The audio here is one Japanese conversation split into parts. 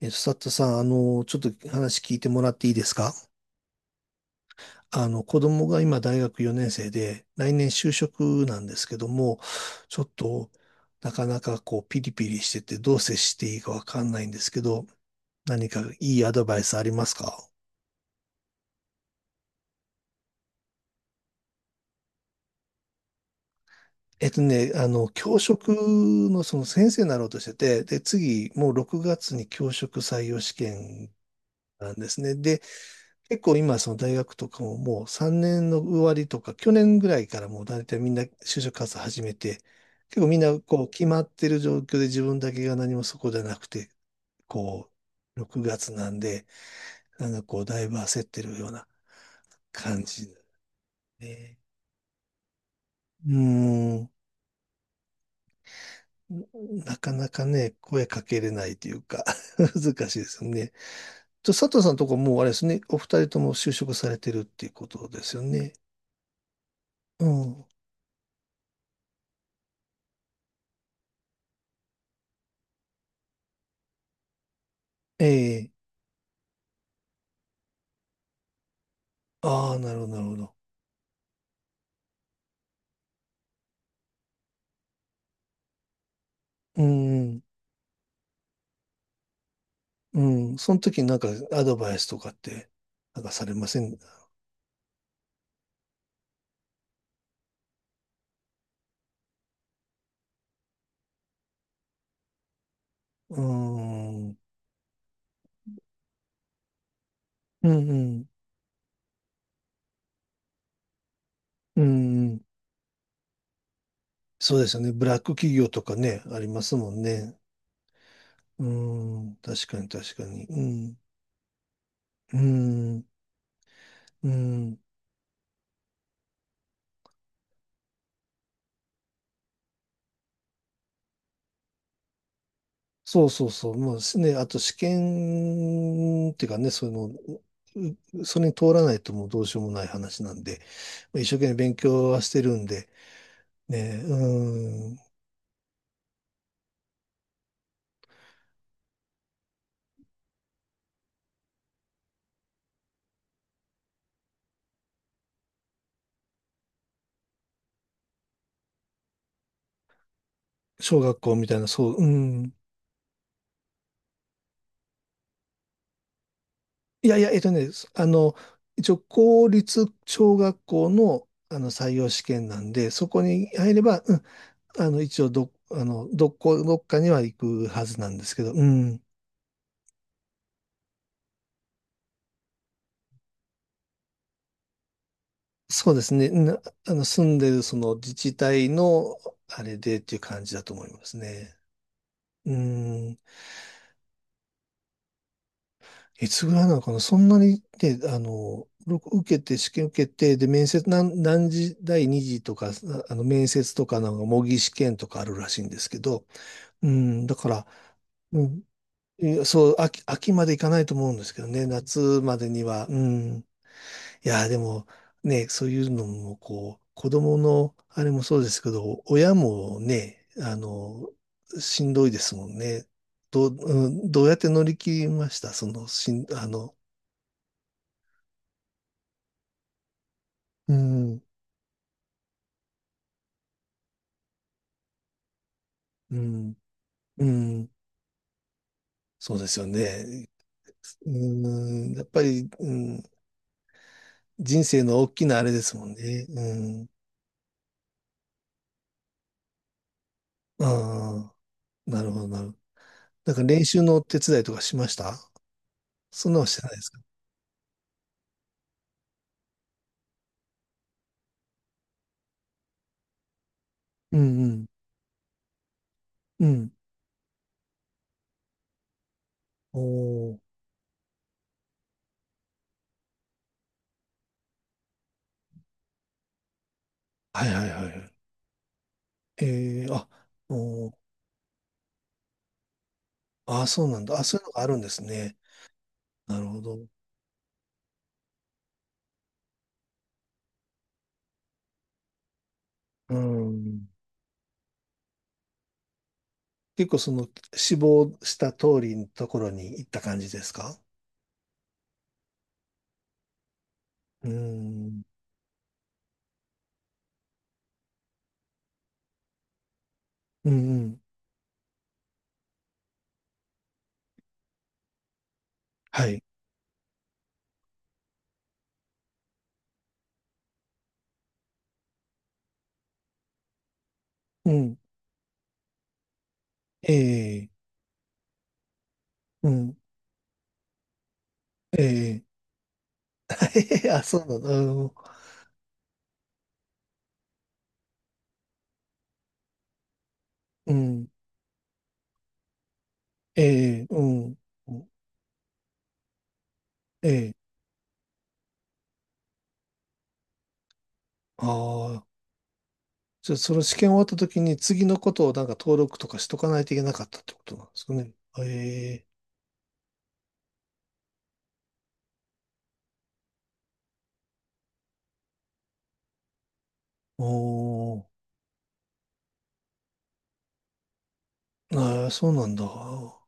佐藤さん、ちょっと話聞いてもらっていいですか？子供が今大学4年生で、来年就職なんですけども、ちょっと、なかなかこう、ピリピリしてて、どう接していいかわかんないんですけど、何かいいアドバイスありますか？教職のその先生になろうとしてて、で、次、もう6月に教職採用試験なんですね。で、結構今、その大学とかももう3年の終わりとか、去年ぐらいからもう大体みんな就職活動始めて、結構みんなこう決まってる状況で自分だけが何もそこじゃなくて、こう、6月なんで、なんかこう、だいぶ焦ってるような感じだね。うーん。なかなかね、声かけれないというか、 難しいですよね。佐藤さんのとこもうあれですね、お二人とも就職されてるっていうことですよね。うん。ええ、ああ、なるほど、なるほど。うん、うん、その時になんかアドバイスとかって、なんかされません？うん、うん、うん、うん、そうですよね。ブラック企業とかね、ありますもんね。うん、確かに確かに。うん、うん、うん。そうそうそう。もうね、あと試験っていうかね、そういうの、それに通らないともうどうしようもない話なんで、一生懸命勉強はしてるんで、ね、うん、小学校みたいな、そう、うん、いやいや、そあの、一応公立小学校の、採用試験なんで、そこに入れば、うん、一応ど、あの、どこ、どっかには行くはずなんですけど、うん、そうですね、住んでるその自治体の、あれでっていう感じだと思いますね。うん、いつぐらいなのかな、そんなにね、僕受けて、試験受けて、で、面接、何時、第2次とか、面接とかなんか模擬試験とかあるらしいんですけど、うん、だから、うん、いやそう、秋までいかないと思うんですけどね、夏までには、うん。いや、でも、ね、そういうのも、こう、子供の、あれもそうですけど、親もね、しんどいですもんね。うん、どうやって乗り切りました？その、うん、うん、うん、そうですよね。うん、やっぱり、うん、人生の大きなあれですもんね。うん、ああ、なるほど、なるほど。なんか練習のお手伝いとかしました？そんなのしてないですか？うんうん。うん。おー。はいはいはいはい。えー、あ、おー。あ、そうなんだ。あ、そういうのがあるんですね。なるほど。うん。結構その志望した通りのところに行った感じですか？うん。うんうん。はい。うん。ええ、うん。ええ、 あ、そうなんだ。うん。うん、ええ、うん。ええ、ああー、じゃあ、その試験終わった時に次のことをなんか登録とかしとかないといけなかったってことなんですかね。ええ、おー、ああ、そうなんだ。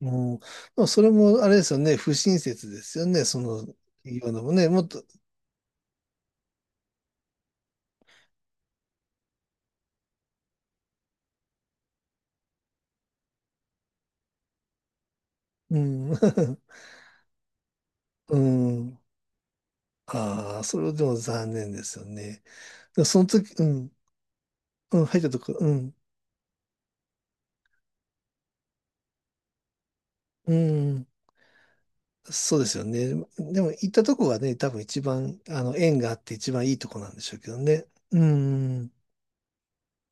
うん、まあ、それもあれですよね、不親切ですよね、その、いうのもね、もっと、うん、うん、ああ、それでも残念ですよね。でもその時、うん、うん、入ったとこ、うん、うん、そうですよね。でも行ったとこがね、多分一番、縁があって一番いいとこなんでしょうけどね。うん。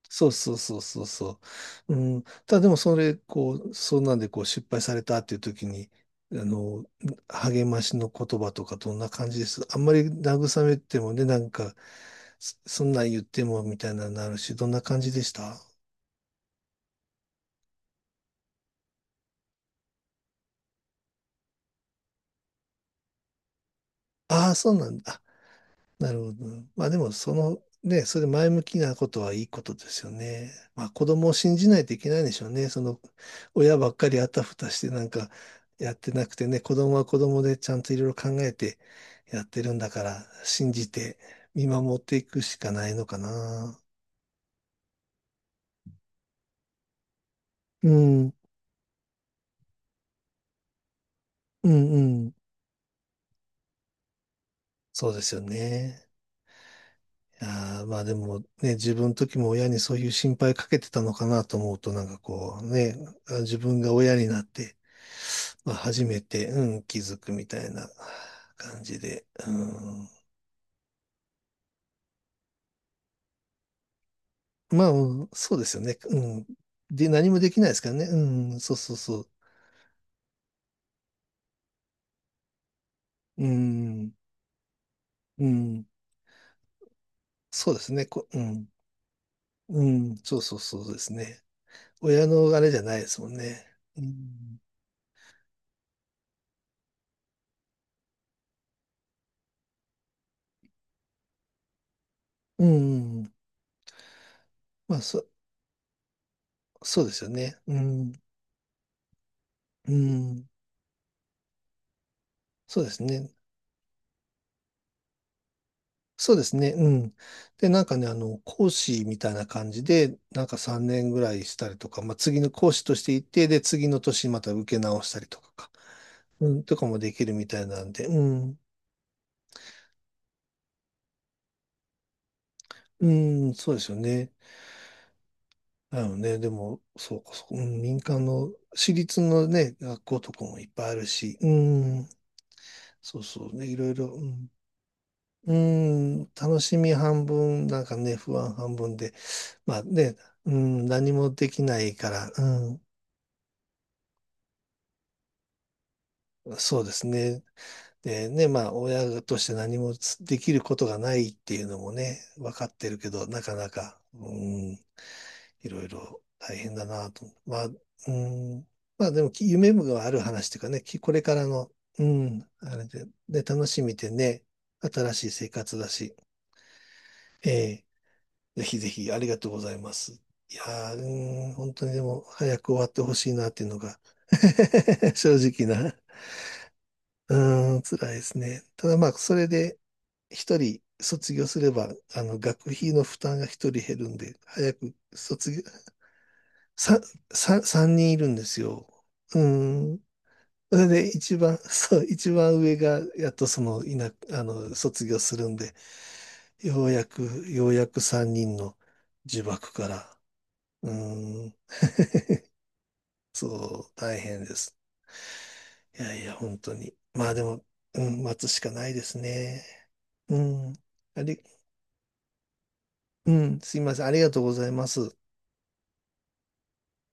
そうそうそうそうそう。うん。ただでもそれ、こう、そんなんでこう失敗されたっていう時に、あの、励ましの言葉とかどんな感じです？あんまり慰めてもね、なんか、そんなん言ってもみたいなのになるし、どんな感じでした？ああー、そうなんだ。なるほど。まあでも、その、ね、それ前向きなことはいいことですよね。まあ子供を信じないといけないんでしょうね。その、親ばっかりあたふたしてなんかやってなくてね、子供は子供でちゃんといろいろ考えてやってるんだから、信じて見守っていくしかないのかな。うん、うん、うん。そうですよね。いやーまあでもね、自分の時も親にそういう心配かけてたのかなと思うと、なんかこうね、自分が親になって、まあ、初めて、うん、気づくみたいな感じで、うん、まあ、うんそうですよね、うん。で、何もできないですからね、うん、そうそうそう、うん、うん、そうですね、うん、うん、そうそうそうですね。親のあれじゃないですもんね。うん、うん、まあ、そうですよね。うん、うん、そうですね。そうですね。うん。で、なんかね、講師みたいな感じで、なんか3年ぐらいしたりとか、まあ、次の講師として行って、で、次の年また受け直したりとかか、うん、とかもできるみたいなんで、うん、うん、そうですよね。なのね、でも、そうか、そう、うん、民間の、私立のね、学校とかもいっぱいあるし、うん、そうそうね、いろいろ、うん、うん、楽しみ半分、なんかね、不安半分で、まあね、うん、何もできないから、そうですね。でね、まあ、親として何もできることがないっていうのもね、分かってるけど、なかなか、うん、いろいろ大変だなと。まあ、うん、まあでも、夢がある話というかね、これからの、うん、あれで、で、楽しみでね、新しい生活だし、ええ、ぜひぜひありがとうございます。いやー、うん、本当にでも、早く終わってほしいなっていうのが、 正直な。うーん、辛いですね。ただまあ、それで、一人卒業すれば、学費の負担が一人減るんで、早く卒業、さ、三人いるんですよ。うん。それで一番、そう、一番上が、やっとその、卒業するんで、ようやく、ようやく三人の呪縛から、うん、そう、大変です。いやいや、本当に。まあでも、うん、待つしかないですね。うん。あり、うん、すいません。ありがとうございます。